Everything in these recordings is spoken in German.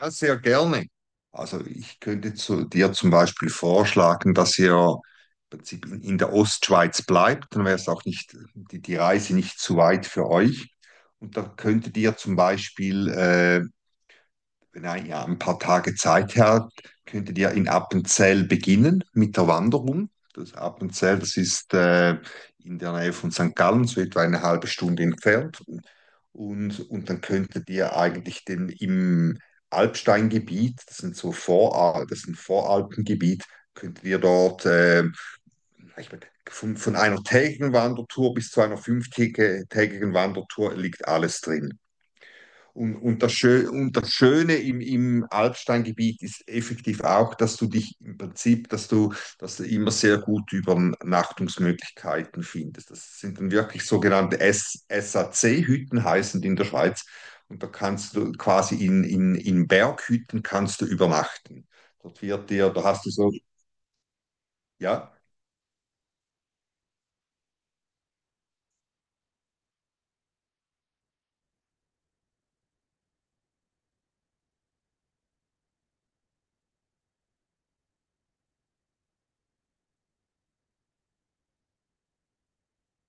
Ja, sehr gerne. Also ich könnte zu dir zum Beispiel vorschlagen, dass ihr im Prinzip in der Ostschweiz bleibt, dann wäre es auch nicht, die Reise nicht zu weit für euch. Und da könntet ihr zum Beispiel wenn er ja ein paar Tage Zeit hat, könntet ihr in Appenzell beginnen mit der Wanderung. Das Appenzell, das ist in der Nähe von St. Gallen, so etwa eine halbe Stunde entfernt. Und dann könntet ihr eigentlich im Alpsteingebiet, das ist ein Voralpengebiet, könntet ihr dort von einer tägigen Wandertour bis zu einer fünftägigen Wandertour liegt alles drin. Und das Schöne im Alpsteingebiet ist effektiv auch, dass du dich im Prinzip, dass du immer sehr gut Übernachtungsmöglichkeiten findest. Das sind dann wirklich sogenannte SAC-Hütten, heißen die in der Schweiz. Und da kannst du quasi in Berghütten kannst du übernachten. Dort wird dir, da hast du so, ja.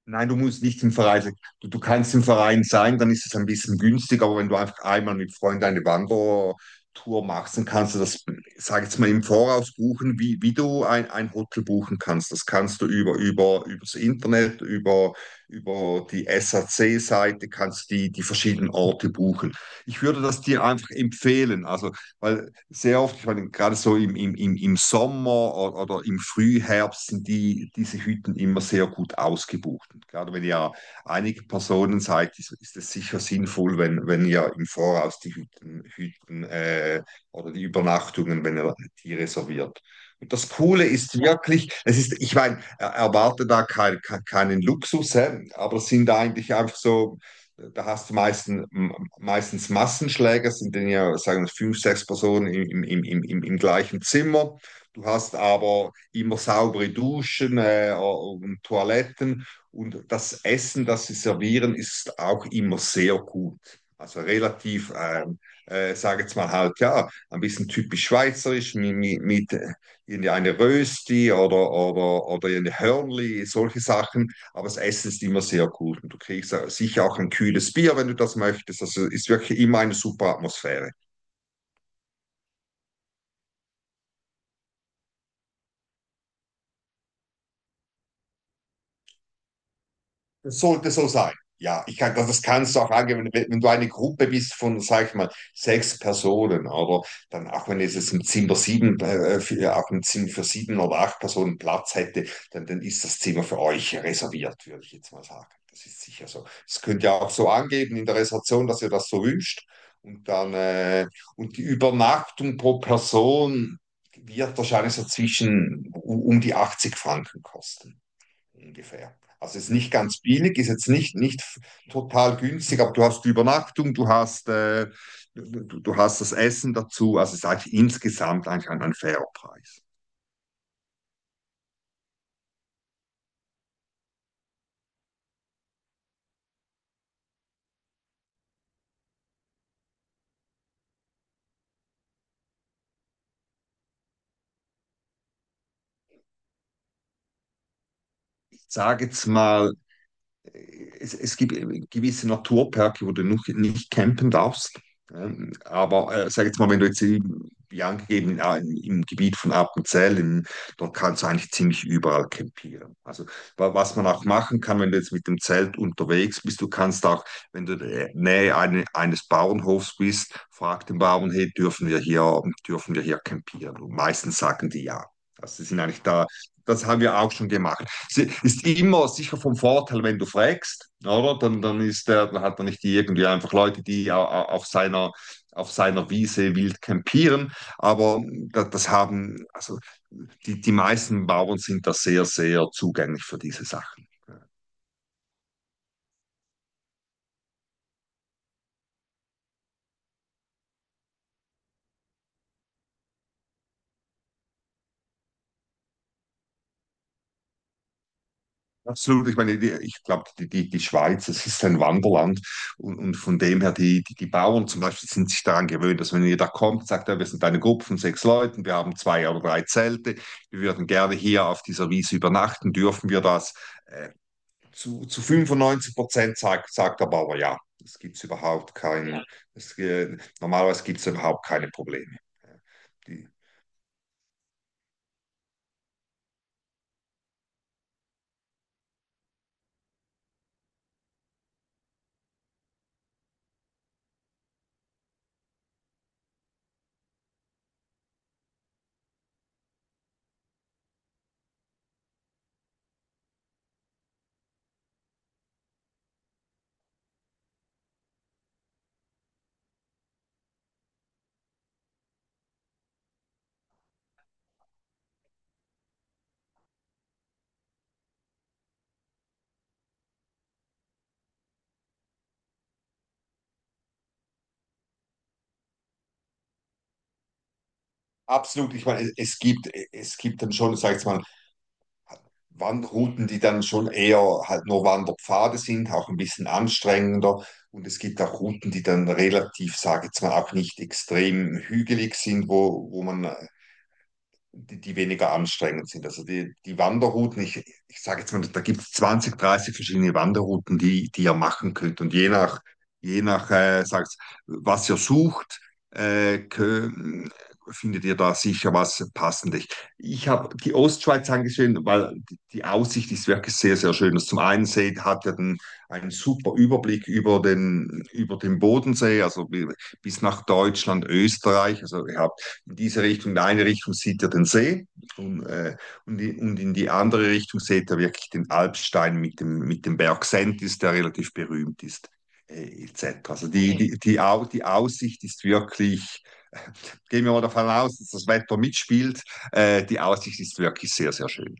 Nein, du musst nicht im Verein sein. Du kannst im Verein sein, dann ist es ein bisschen günstig, aber wenn du einfach einmal mit Freunden eine Wandertour machst, dann kannst du das, sag jetzt mal, im Voraus buchen, wie du ein Hotel buchen kannst. Das kannst du übers Internet, über die S C seite kannst du die verschiedenen Orte buchen. Ich würde das dir einfach empfehlen, also, weil sehr oft, ich meine, gerade so im Sommer oder im Frühherbst sind diese Hütten immer sehr gut ausgebucht. Und gerade wenn ihr einige Personen seid, ist es sicher sinnvoll, wenn ihr im Voraus die Hütten, Hütten oder die Übernachtungen, wenn ihr die reserviert. Und das Coole ist wirklich, es ist, ich meine, erwarte da keinen Luxus, hä? Aber es sind eigentlich einfach so da hast du meistens Massenschläger, sind dann ja, sagen wir, fünf, sechs Personen im gleichen Zimmer. Du hast aber immer saubere Duschen und Toiletten und das Essen, das sie servieren, ist auch immer sehr gut. Also relativ, sage jetzt mal halt, ja, ein bisschen typisch schweizerisch mit irgendeine Rösti oder eine Hörnli, solche Sachen. Aber das Essen ist immer sehr gut und du kriegst sicher auch ein kühles Bier, wenn du das möchtest. Also ist wirklich immer eine super Atmosphäre. Das soll, das sein. Ja, ich kann, das kannst du auch angeben, wenn du eine Gruppe bist von, sag ich mal, sechs Personen, oder dann auch wenn es jetzt ein Zimmer sieben, für, auch ein Zimmer für sieben oder acht Personen Platz hätte, dann ist das Zimmer für euch reserviert, würde ich jetzt mal sagen. Das ist sicher so. Das könnt ihr auch so angeben in der Reservation, dass ihr das so wünscht. Und dann, äh, und die Übernachtung pro Person wird wahrscheinlich so zwischen um die 80 Franken kosten ungefähr. Also ist nicht ganz billig, ist jetzt nicht total günstig, aber du hast die Übernachtung, du hast das Essen dazu. Also ist eigentlich insgesamt eigentlich ein fairer Preis. Ich sage jetzt mal, es gibt gewisse Naturperke, wo du noch nicht campen darfst. Aber sag jetzt mal, wenn du jetzt wie angegeben ja, im Gebiet von Appenzell, dort kannst du eigentlich ziemlich überall campieren. Also was man auch machen kann, wenn du jetzt mit dem Zelt unterwegs bist, du kannst auch, wenn du in der Nähe eines Bauernhofs bist, frag den Bauern, hey, dürfen wir hier campieren? Und meistens sagen die ja. Also sie sind eigentlich da, das haben wir auch schon gemacht, ist immer sicher vom Vorteil, wenn du fragst, oder? Dann hat er nicht die irgendwie einfach Leute, die auf seiner Wiese wild campieren. Aber das haben, also die meisten Bauern sind da sehr, sehr zugänglich für diese Sachen. Absolut, ich meine, ich glaube, die Schweiz, es ist ein Wanderland und von dem her, die Bauern zum Beispiel sind sich daran gewöhnt, dass wenn jeder kommt, sagt er, wir sind eine Gruppe von sechs Leuten, wir haben zwei oder drei Zelte, wir würden gerne hier auf dieser Wiese übernachten, dürfen wir das? Äh, zu 95% sagt der Bauer ja. Es gibt überhaupt kein, es, normalerweise gibt es überhaupt keine Probleme. Ja, Die, Absolut, ich meine, es gibt dann schon, sag ich mal, Wanderrouten, die dann schon eher halt nur Wanderpfade sind, auch ein bisschen anstrengender. Und es gibt auch Routen, die dann relativ, sage ich jetzt mal, auch nicht extrem hügelig sind, wo man die weniger anstrengend sind. Also die Wanderrouten, ich sage jetzt mal, da gibt es 20-30 verschiedene Wanderrouten, die ihr machen könnt. Und je nach sagt's, was ihr sucht, äh, kö- findet ihr da sicher was Passendes. Ich habe die Ostschweiz angesehen, weil die Aussicht ist wirklich sehr, sehr schön. Also zum einen hat ihr einen super Überblick über den Bodensee, also bis nach Deutschland, Österreich. Also ihr habt in diese Richtung, in eine Richtung sieht er den See und, äh, und in die andere Richtung sieht er wirklich den Alpstein mit dem Berg Sentis, der relativ berühmt ist, et cetera. Also die Aussicht ist wirklich, gehen wir mal davon aus, dass das Wetter mitspielt, die Aussicht ist wirklich sehr, sehr schön.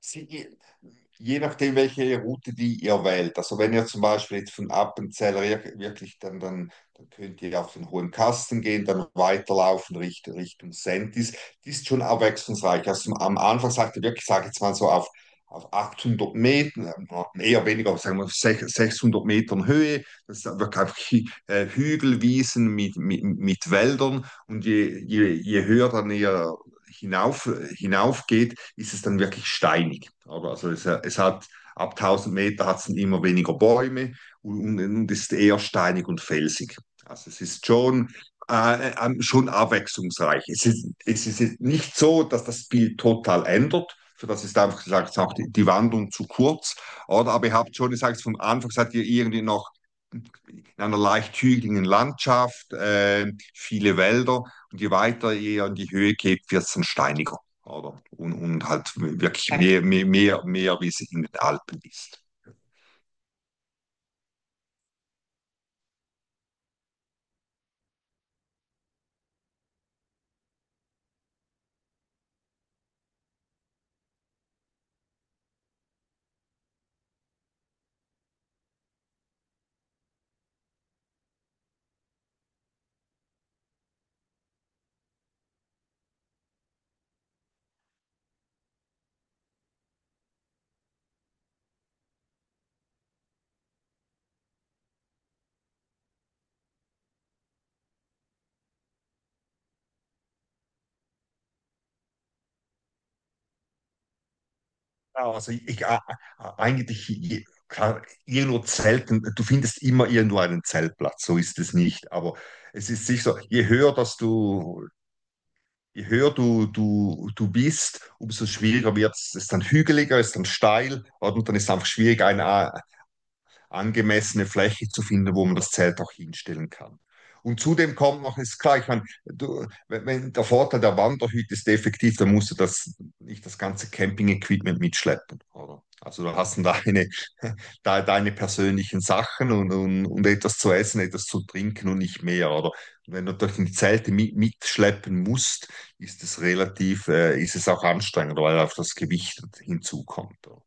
Sie, Je nachdem, welche Route die ihr wählt. Also wenn ihr zum Beispiel jetzt von Appenzeller wirklich dann könnt ihr auf den Hohen Kasten gehen, dann weiterlaufen Richtung Sentis. Die ist schon abwechslungsreich. Also am Anfang sagt ihr wirklich, sage jetzt mal so auf 800 Metern, eher weniger, sagen wir 600 Metern Höhe. Das ist wirklich einfach Hügelwiesen mit Wäldern. Und je höher dann ihr hinauf, hinaufgeht, ist es dann wirklich steinig. Oder? Also es hat ab 1000 Meter hat es dann immer weniger Bäume ist eher steinig und felsig. Also es ist schon, schon abwechslungsreich. Es ist nicht so, dass das Bild total ändert. Für das ist einfach gesagt, auch die Wandlung zu kurz. Oder? Aber ihr habt schon gesagt, vom Anfang seid ihr irgendwie noch in einer leicht hügeligen Landschaft, viele Wälder. Und je weiter ihr in die Höhe geht, wird es dann steiniger. Oder? Und halt wirklich ja, mehr, wie es in den Alpen ist. Ja, also klar, irgendwo Zelten, du findest immer irgendwo einen Zeltplatz, so ist es nicht. Aber es ist sicher so, je höher du bist, umso schwieriger wird es. Es ist dann hügeliger, es ist dann steil, oder? Und dann ist es einfach schwierig, angemessene Fläche zu finden, wo man das Zelt auch hinstellen kann. Und zudem kommt noch, ist klar, ich meine, du, wenn, der Vorteil der Wanderhütte ist effektiv, dann musst du nicht das ganze Camping-Equipment mitschleppen, oder? Also du hast dann deine, deine persönlichen Sachen etwas zu essen, etwas zu trinken und nicht mehr, oder? Und wenn du durch die Zelte mitschleppen musst, ist es auch anstrengend, weil auch das Gewicht hinzukommt, oder?